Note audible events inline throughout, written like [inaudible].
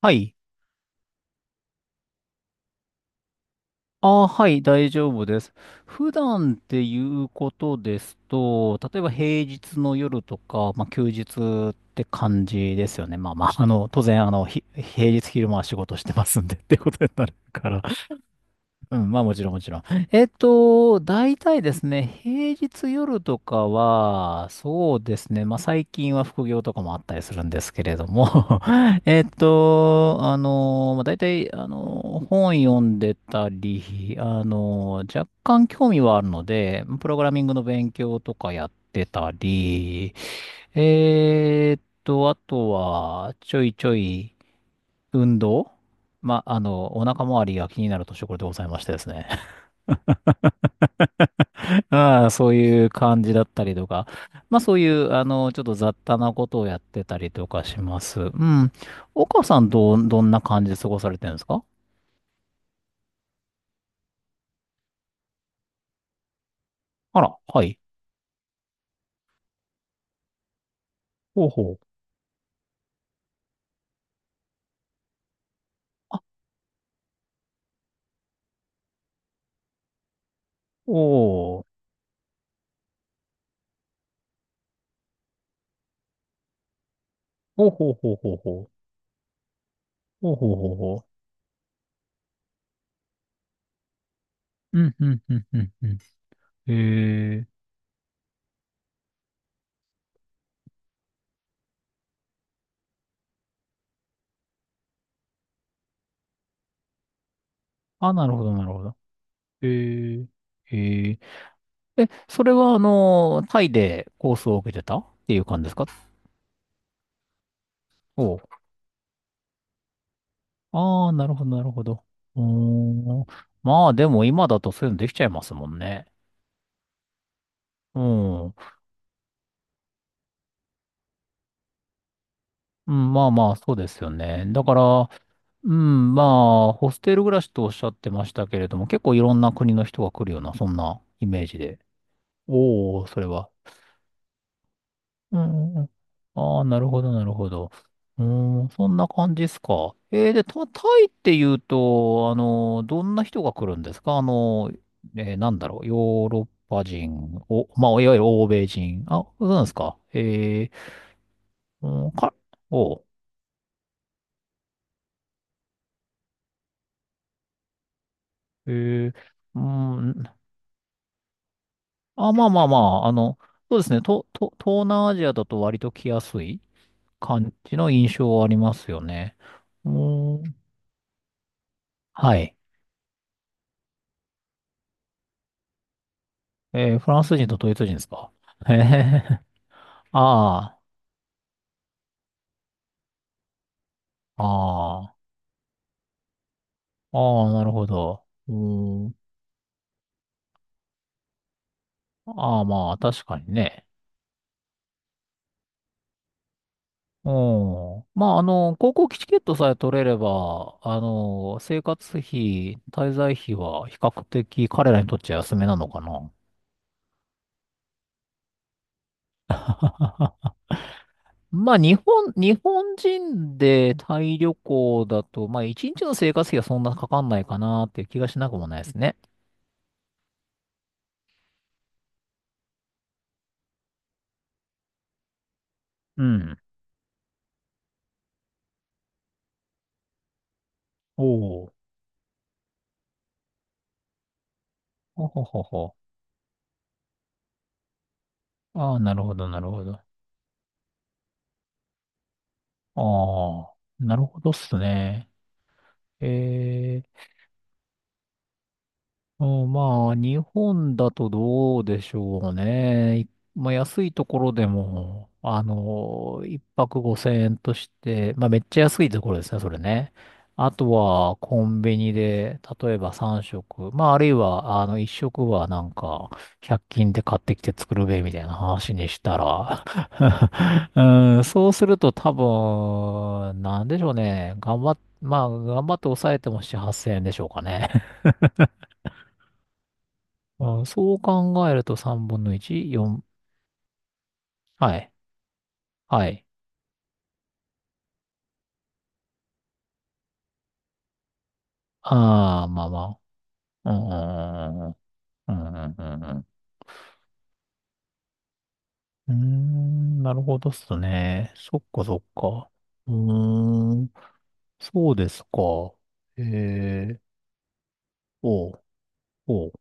はい。ああ、はい、大丈夫です。普段っていうことですと、例えば平日の夜とか、まあ、休日って感じですよね。まあまあ、当然、平日昼間は仕事してますんでってことになるから。うん、まあもちろん。大体ですね、平日夜とかは、そうですね、まあ最近は副業とかもあったりするんですけれども。 [laughs] まあ大体、本読んでたり、若干興味はあるので、プログラミングの勉強とかやってたり、あとは、ちょいちょい運動。まあ、お腹周りが気になる年頃でございましてですね。[laughs] ああ、そういう感じだったりとか。まあそういう、ちょっと雑多なことをやってたりとかします。うん。岡さん、どんな感じで過ごされてるんですか？あら、はい。ほうほう。おー。ほうほうほうほうほう。ほうほうほうほう。うん、うん、うん、うん、うん。えー。あ、なるほど、なるほど。えー。えー。え、それは、タイでコースを受けてたっていう感じですか？お、ああ、なるほど、なるほど。うーん。まあ、でも今だとそういうのできちゃいますもんね。うん。うん、まあまあ、そうですよね。だから、うん、まあ、ホステル暮らしとおっしゃってましたけれども、結構いろんな国の人が来るような、そんなイメージで。おお、それは。うんうんうん。ああ、なるほど、なるほど。うーん、そんな感じですか。えー、で、タイって言うと、どんな人が来るんですか？なんだろう、ヨーロッパ人、お、まあ、いわゆる欧米人。あ、そうなんですか。えー、うん、か、おう、えー、うん、あ、まあまあまあ、そうですね、東南アジアだと割と来やすい感じの印象はありますよね。うーん、はい。えー、フランス人とドイツ人ですか？ [laughs] へえ、ああ、ああ、ああ、なるほど。うーん。ああ、まあ、確かにね。うん。まあ、航空機チケットさえ取れれば、生活費、滞在費は比較的彼らにとっちゃ安めなのかな。[laughs] まあ、日本人でタイ旅行だと、まあ、一日の生活費はそんなかかんないかなっていう気がしなくもないですね。うん。おお。ほほほほ、ああ、なるほど、なるほど。ああ、なるほどっすね。え、うん、まあ、日本だとどうでしょうね。い、まあ、安いところでも、一泊5000円として、まあ、めっちゃ安いところですね、それね。あとは、コンビニで、例えば3食、まあ、あるいは、1食はなんか、100均で買ってきて作るべ、みたいな話にしたら、[laughs] うん、そうすると多分、なんでしょうね。頑張っ、まあ、頑張って抑えても7、8000円でしょうかね。あ、そう考えると3分の1、4、はい、はい。ああ、まあまあ。うん、うん、うん、うん。うん、うーん、なるほどっすね。そっかそっか。うーん、そうですか。え、え、おう、おう。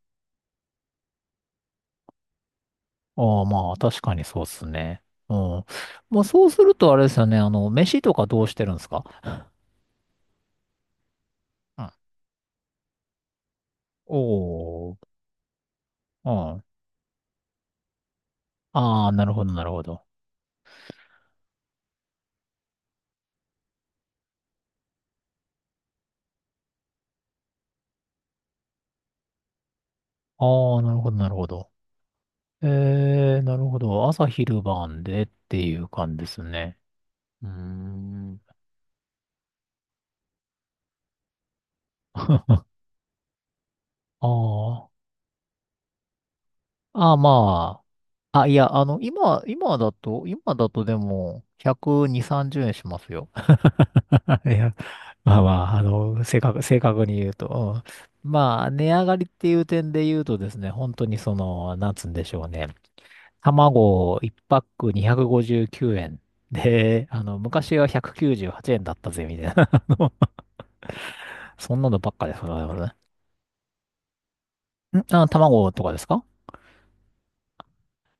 ああ、まあ、確かにそうっすね。うん。まあ、そうするとあれですよね。飯とかどうしてるんですか？うん。おお、うん。ああ、なるほど、なるほど。ああ、なるほど、なるほど。えー、なるほど。朝昼晩でっていう感じですね。うーん。[laughs] ああ。ああ、まあ。あ、いや、今だと、今だとでも、120、30円しますよ。[laughs] いや、まあまあ、正確に言うと。うん、まあ、値上がりっていう点で言うとですね、本当にその、なんつうんでしょうね。卵1パック259円。で、昔は198円だったぜ、みたいな。[laughs] そんなのばっかです。我、ね。んあ、卵とかですか？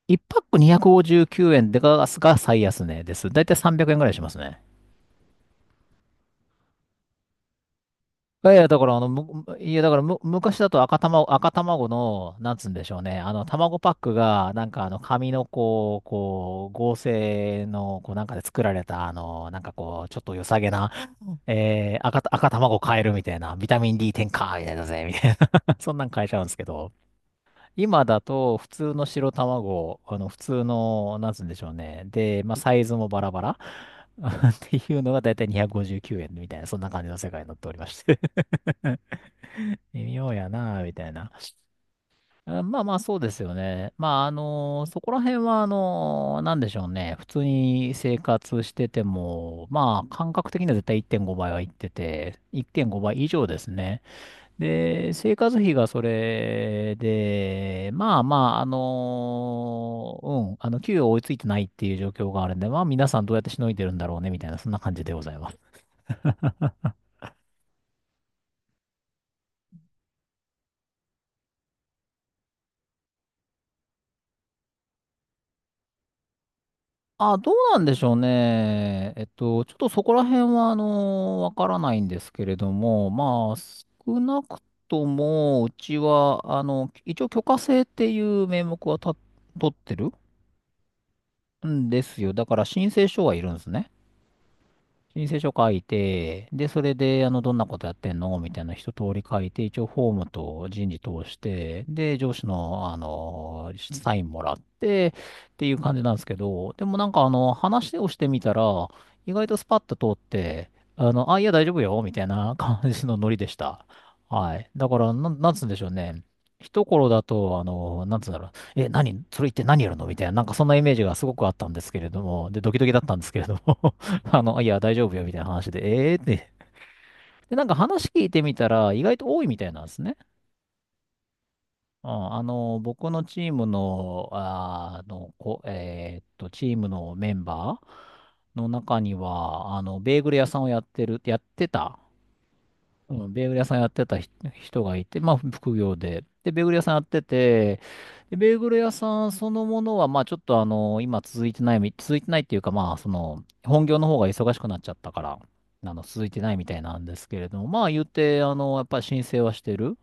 1 パック259円でガスが最安値です。だいたい300円ぐらいしますね。いやいや、だからあの、むいや、だからむ、昔だと赤卵の、なんつうんでしょうね。卵パックが、紙のこう、こう、合成の、こう、なんかで作られた、なんかこう、ちょっと良さげな、えー、赤卵買えるみたいな、ビタミン D 添加みたいだぜ、みたいな。[laughs] そんなん買えちゃうんですけど。今だと普通の白卵、あの普通の、なんつうんでしょうね。で、まあサイズもバラバラ [laughs] っていうのがだいたい259円みたいな、そんな感じの世界になっておりまして。 [laughs] 微妙やなみたいな。あ、まあまあ、そうですよね。まあ、あのそこら辺は、あのなんでしょうね。普通に生活してても、まあ、感覚的には絶対1.5倍はいってて、1.5倍以上ですね。で、生活費がそれで、まあまあ、あのー、うん、給与追いついてないっていう状況があるんで、まあ皆さんどうやってしのいでるんだろうね、みたいな、そんな感じでございます。あ、どうなんでしょうね。ちょっとそこら辺は、あのーわからないんですけれども、まあ、少なくとも、うちは、一応許可制っていう名目は取ってるんですよ。だから申請書はいるんですね。申請書書いて、で、それで、どんなことやってんのみたいな一通り書いて、一応フォームと人事通して、で、上司の、サインもらって、っていう感じなんですけど、でもなんか、話をしてみたら、意外とスパッと通って、あ、いや、大丈夫よ、みたいな感じのノリでした。はい。だから、なんつうんでしょうね。一頃だと、なんつうんだろう。え、何それ言って何やるのみたいな、なんかそんなイメージがすごくあったんですけれども、で、ドキドキだったんですけれども。 [laughs] いや、大丈夫よ、みたいな話で、えーって。で、なんか話聞いてみたら、意外と多いみたいなんですね。うん、僕のチームの、あーあの、こ、えーっと、チームのメンバーの中には、ベーグル屋さんをやってる、やってた、うん、ベーグル屋さんやってた人がいて、まあ、副業で。で、ベーグル屋さんやってて、で、ベーグル屋さんそのものは、まあ、ちょっとあの、今続いてないみ、続いてないっていうか、まあ、その、本業の方が忙しくなっちゃったから、続いてないみたいなんですけれども、まあ、言って、やっぱり申請はしてる。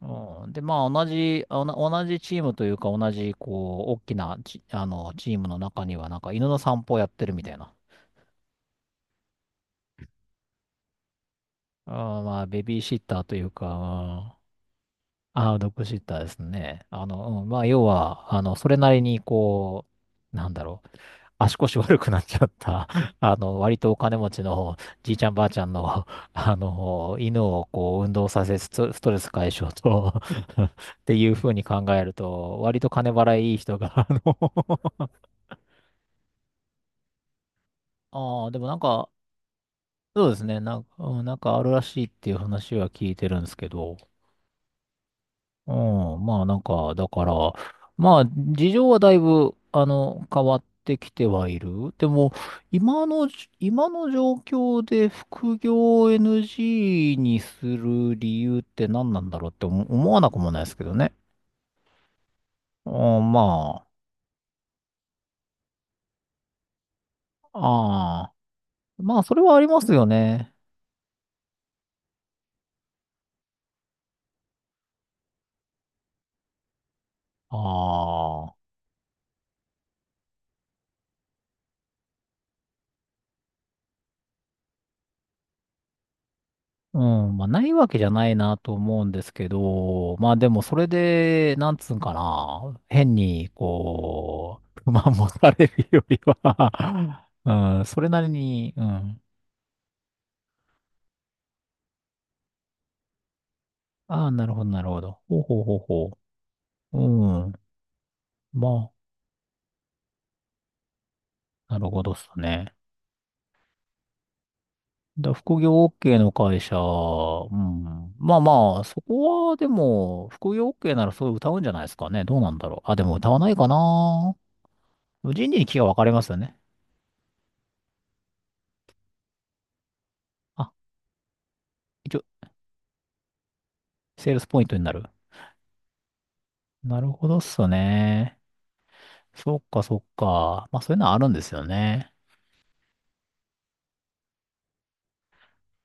うん、で、まあ、同じ、あおな同じチームというか、同じ、こう、大きなチ、あの、チームの中には、なんか、犬の散歩をやってるみたいな。あー、まあ、ベビーシッターというか、ああ、ドッグシッターですね。うん、まあ、要は、それなりに、こう、なんだろう、足腰悪くなっちゃった、[laughs] 割とお金持ちのじいちゃんばあちゃんの、[laughs] 犬をこう、運動させ、ストストレス解消と [laughs] っていうふうに考えると、割と金払いいい人が、あの。 [laughs] ああ、でもなんか、そうですね、なんか、うん、なんかあるらしいっていう話は聞いてるんですけど、うん、まあなんか、だから、まあ事情はだいぶ、変わってきてはいる。でも、今の今の状況で副業を NG にする理由って何なんだろうって思わなくもないですけどね。うん、まあ、ああ、まあそれはありますよね。ああ。うん、まあ、ないわけじゃないなと思うんですけど、まあでもそれで、なんつうんかな、変に、こう、[laughs] 不満持たれるよりは [laughs] うん、それなりに、うん。ああ、なるほど、なるほど。ほうほうほうほう。うん。まあ、なるほどっすね。だ副業 OK の会社、うん。まあまあ、そこはでも、副業 OK ならそう歌うんじゃないですかね。どうなんだろう。あ、でも歌わないかな。人事に気が分かれますよね。あ、一応セールスポイントになる。なるほどっすね。そっかそっか。まあそういうのはあるんですよね。